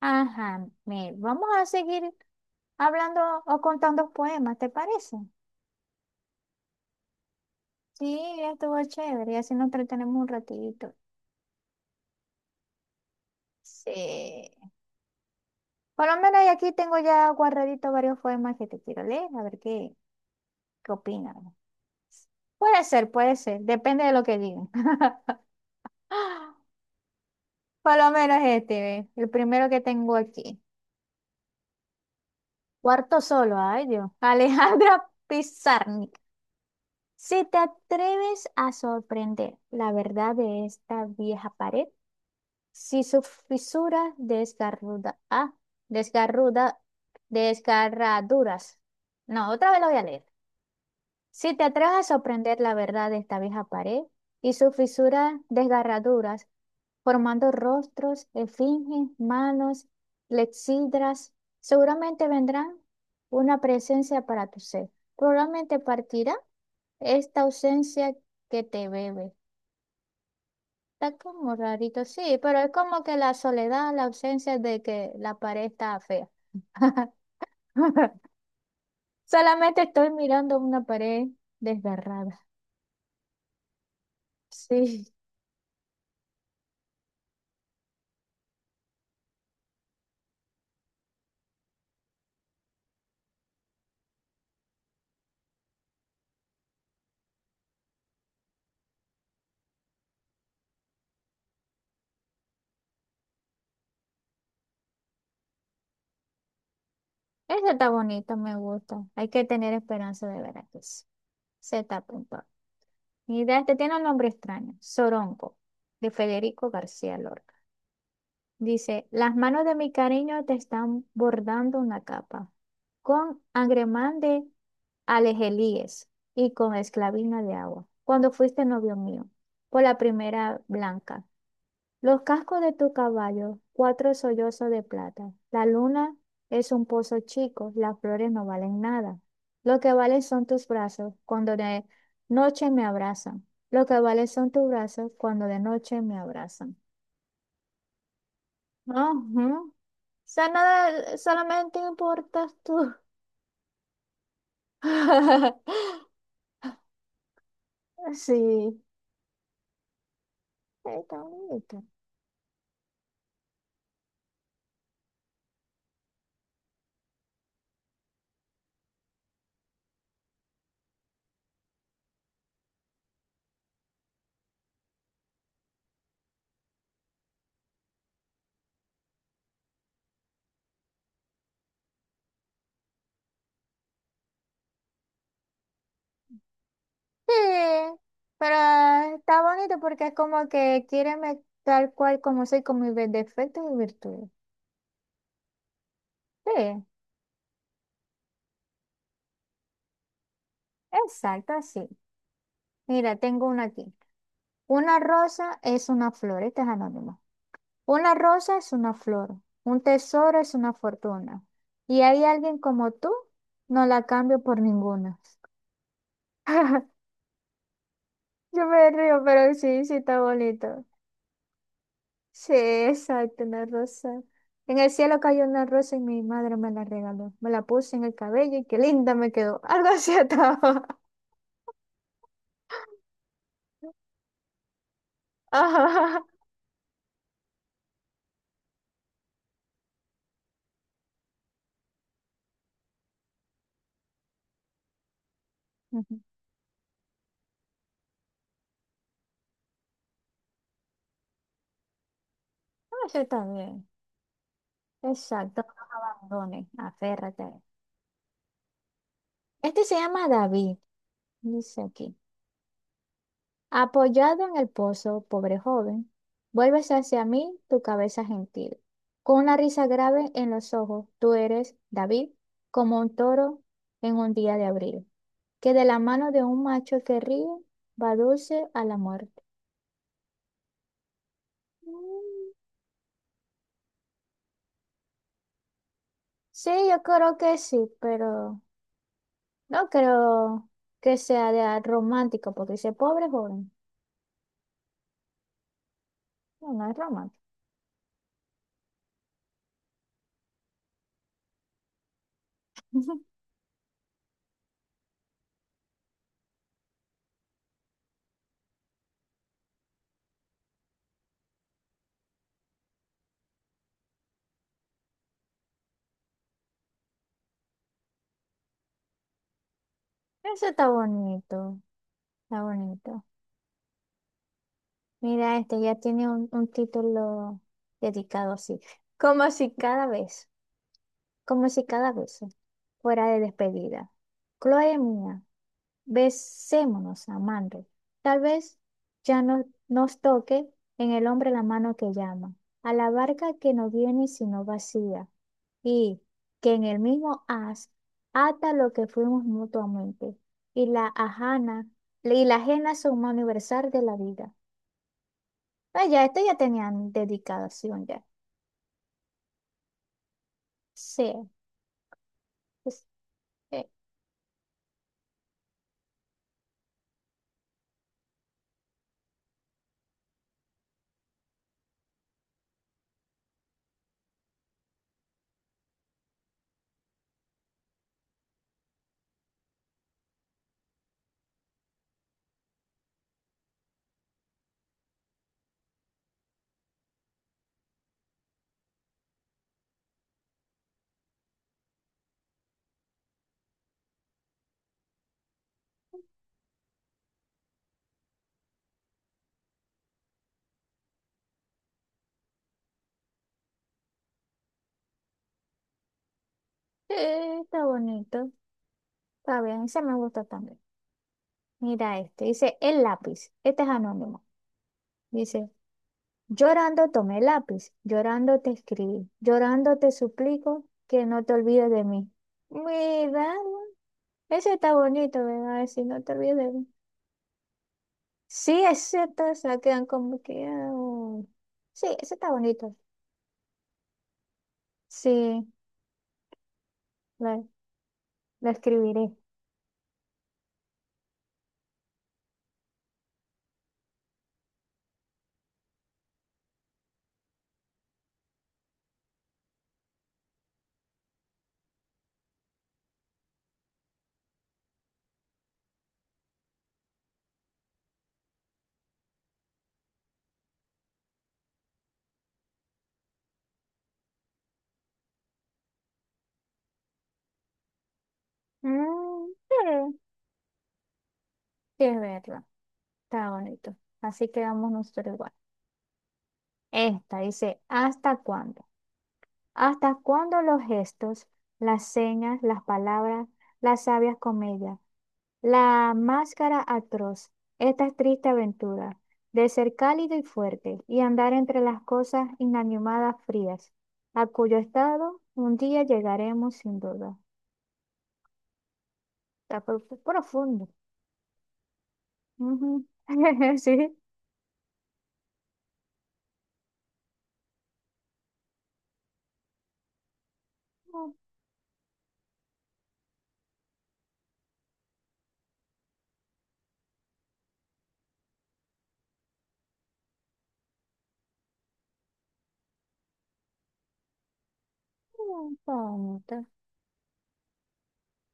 Ajá, mira, vamos a seguir hablando o contando poemas, ¿te parece? Sí, estuvo chévere, y así nos entretenemos un ratito. Sí. Por lo menos y aquí tengo ya guardaditos varios poemas que te quiero leer, a ver qué opinas. Puede ser, depende de lo que digan. Por lo menos este, ve, el primero que tengo aquí. Cuarto solo, ay Dios. Alejandra Pizarnik. Si te atreves a sorprender la verdad de esta vieja pared, si su fisura desgarruda, desgarraduras. No, otra vez lo voy a leer. Si te atreves a sorprender la verdad de esta vieja pared y sus fisuras desgarraduras, formando rostros, esfinges, manos, lexidras, seguramente vendrán una presencia para tu ser. Probablemente partirá esta ausencia que te bebe. Está como rarito, sí, pero es como que la soledad, la ausencia de que la pared está fea. Solamente estoy mirando una pared desgarrada. Sí, esa está bonita, me gusta. Hay que tener esperanza de ver que sí. Se está apuntando. Mira, este tiene un nombre extraño, Soronco, de Federico García Lorca. Dice, las manos de mi cariño te están bordando una capa con agremán de alejelíes y con esclavina de agua. Cuando fuiste novio mío, por la primera blanca. Los cascos de tu caballo, cuatro sollozos de plata. La luna es un pozo chico, las flores no valen nada. Lo que valen son tus brazos cuando de noche me abrazan. Lo que valen son tus brazos cuando de noche me abrazan. Ajá. O sea, nada, solamente importas tú. Sí, está bonito. Sí, pero está bonito porque es como que quiéreme tal cual como soy, con mis defectos y virtudes. Sí, exacto, así. Mira, tengo una aquí. Una rosa es una flor, este es anónimo. Una rosa es una flor, un tesoro es una fortuna. Y hay alguien como tú, no la cambio por ninguna. Yo me río, pero sí, sí está bonito. Sí, exacto, una rosa. En el cielo cayó una rosa y mi madre me la regaló. Me la puse en el cabello y qué linda me quedó. Algo así estaba. Ajá. Ujú. Eso está bien. Exacto, no nos abandones, aférrate. Este se llama David, dice aquí. Apoyado en el pozo, pobre joven, vuelves hacia mí tu cabeza gentil. Con una risa grave en los ojos, tú eres, David, como un toro en un día de abril, que de la mano de un macho que ríe va dulce a la muerte. Mm, sí, yo creo que sí, pero no creo que sea de romántico, porque dice pobre joven. No, no es romántico. Eso está bonito, está bonito. Mira, este ya tiene un título dedicado así. Como si cada vez, como si cada vez fuera de despedida. Chloe mía, besémonos, amando. Tal vez ya no, nos toque en el hombre la mano que llama, a la barca que no viene sino vacía, y que en el mismo haz ata lo que fuimos mutuamente, y la ajana, y la ajena suma universal de la vida. Ah, ya, esto ya tenían dedicación ya. Sí, pues, eh, está bonito. Está bien, ese me gusta también. Mira este, dice el lápiz. Este es anónimo. Dice, llorando tomé el lápiz, llorando te escribí, llorando te suplico que no te olvides de mí. Mira, ese está bonito, ¿verdad? Si no te olvides de mí. Sí, es cierto, se quedan como que... ah, sí, ese está bonito. Sí, lo, lo escribiré. Mm, sí, es verdad, está bonito. Así quedamos nosotros igual. Esta dice, ¿hasta cuándo? ¿Hasta cuándo los gestos, las señas, las palabras, las sabias comedias, la máscara atroz, esta triste aventura de ser cálido y fuerte y andar entre las cosas inanimadas frías, a cuyo estado un día llegaremos sin duda? Está profundo. Ujú. Sí. Está bonito.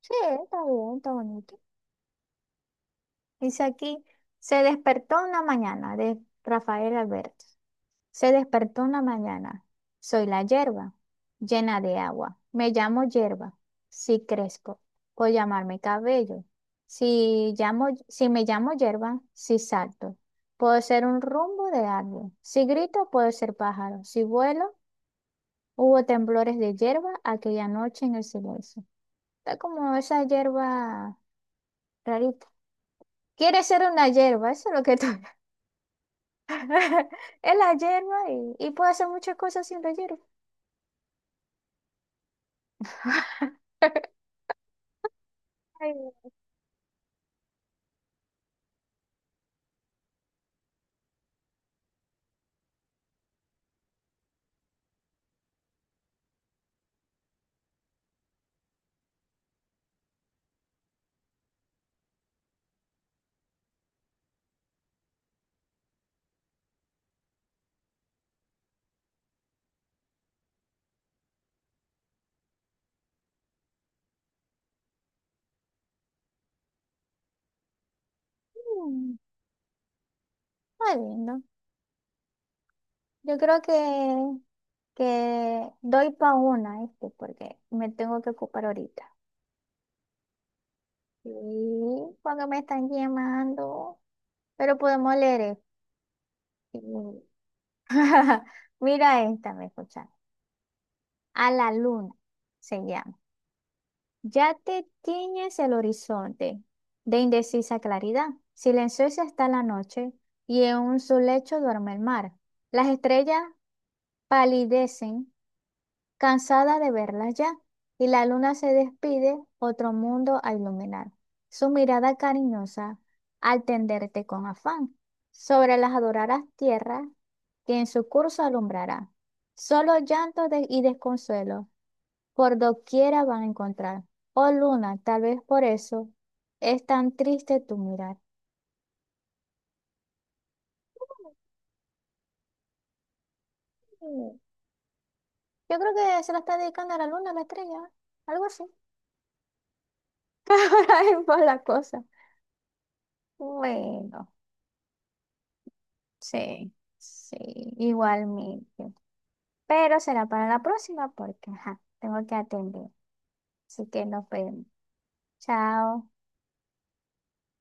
Sí, está bien, está bonito. Dice aquí, se despertó una mañana de Rafael Alberto. Se despertó una mañana. Soy la hierba, llena de agua. Me llamo hierba. Si crezco, puedo llamarme cabello. Si llamo, si me llamo hierba, si salto, puedo ser un rumbo de árbol. Si grito, puedo ser pájaro. Si vuelo, hubo temblores de hierba aquella noche en el silencio. Está como esa hierba rarita. Quiere ser una hierba, eso es lo que está. Es la hierba y puedo hacer muchas cosas sin la hierba. Ay, mm, está lindo. Yo creo que doy pa' una, este, porque me tengo que ocupar ahorita. Sí, porque me están llamando, pero podemos leer esto. Sí. Mira esta, me escuchan. A la luna se llama. Ya te tiñes el horizonte de indecisa claridad. Silenciosa está la noche y en su lecho duerme el mar. Las estrellas palidecen, cansada de verlas ya, y la luna se despide, otro mundo a iluminar. Su mirada cariñosa al tenderte con afán sobre las adoradas tierras que en su curso alumbrará. Solo llanto y desconsuelo por doquiera van a encontrar. Oh luna, tal vez por eso es tan triste tu mirar. Mm, yo creo que se la está dedicando a la luna, a la estrella, algo así. Ahí va la cosa. Bueno, sí, sí, igualmente. Pero será para la próxima porque ajá, tengo que atender. Así que nos vemos. Chao.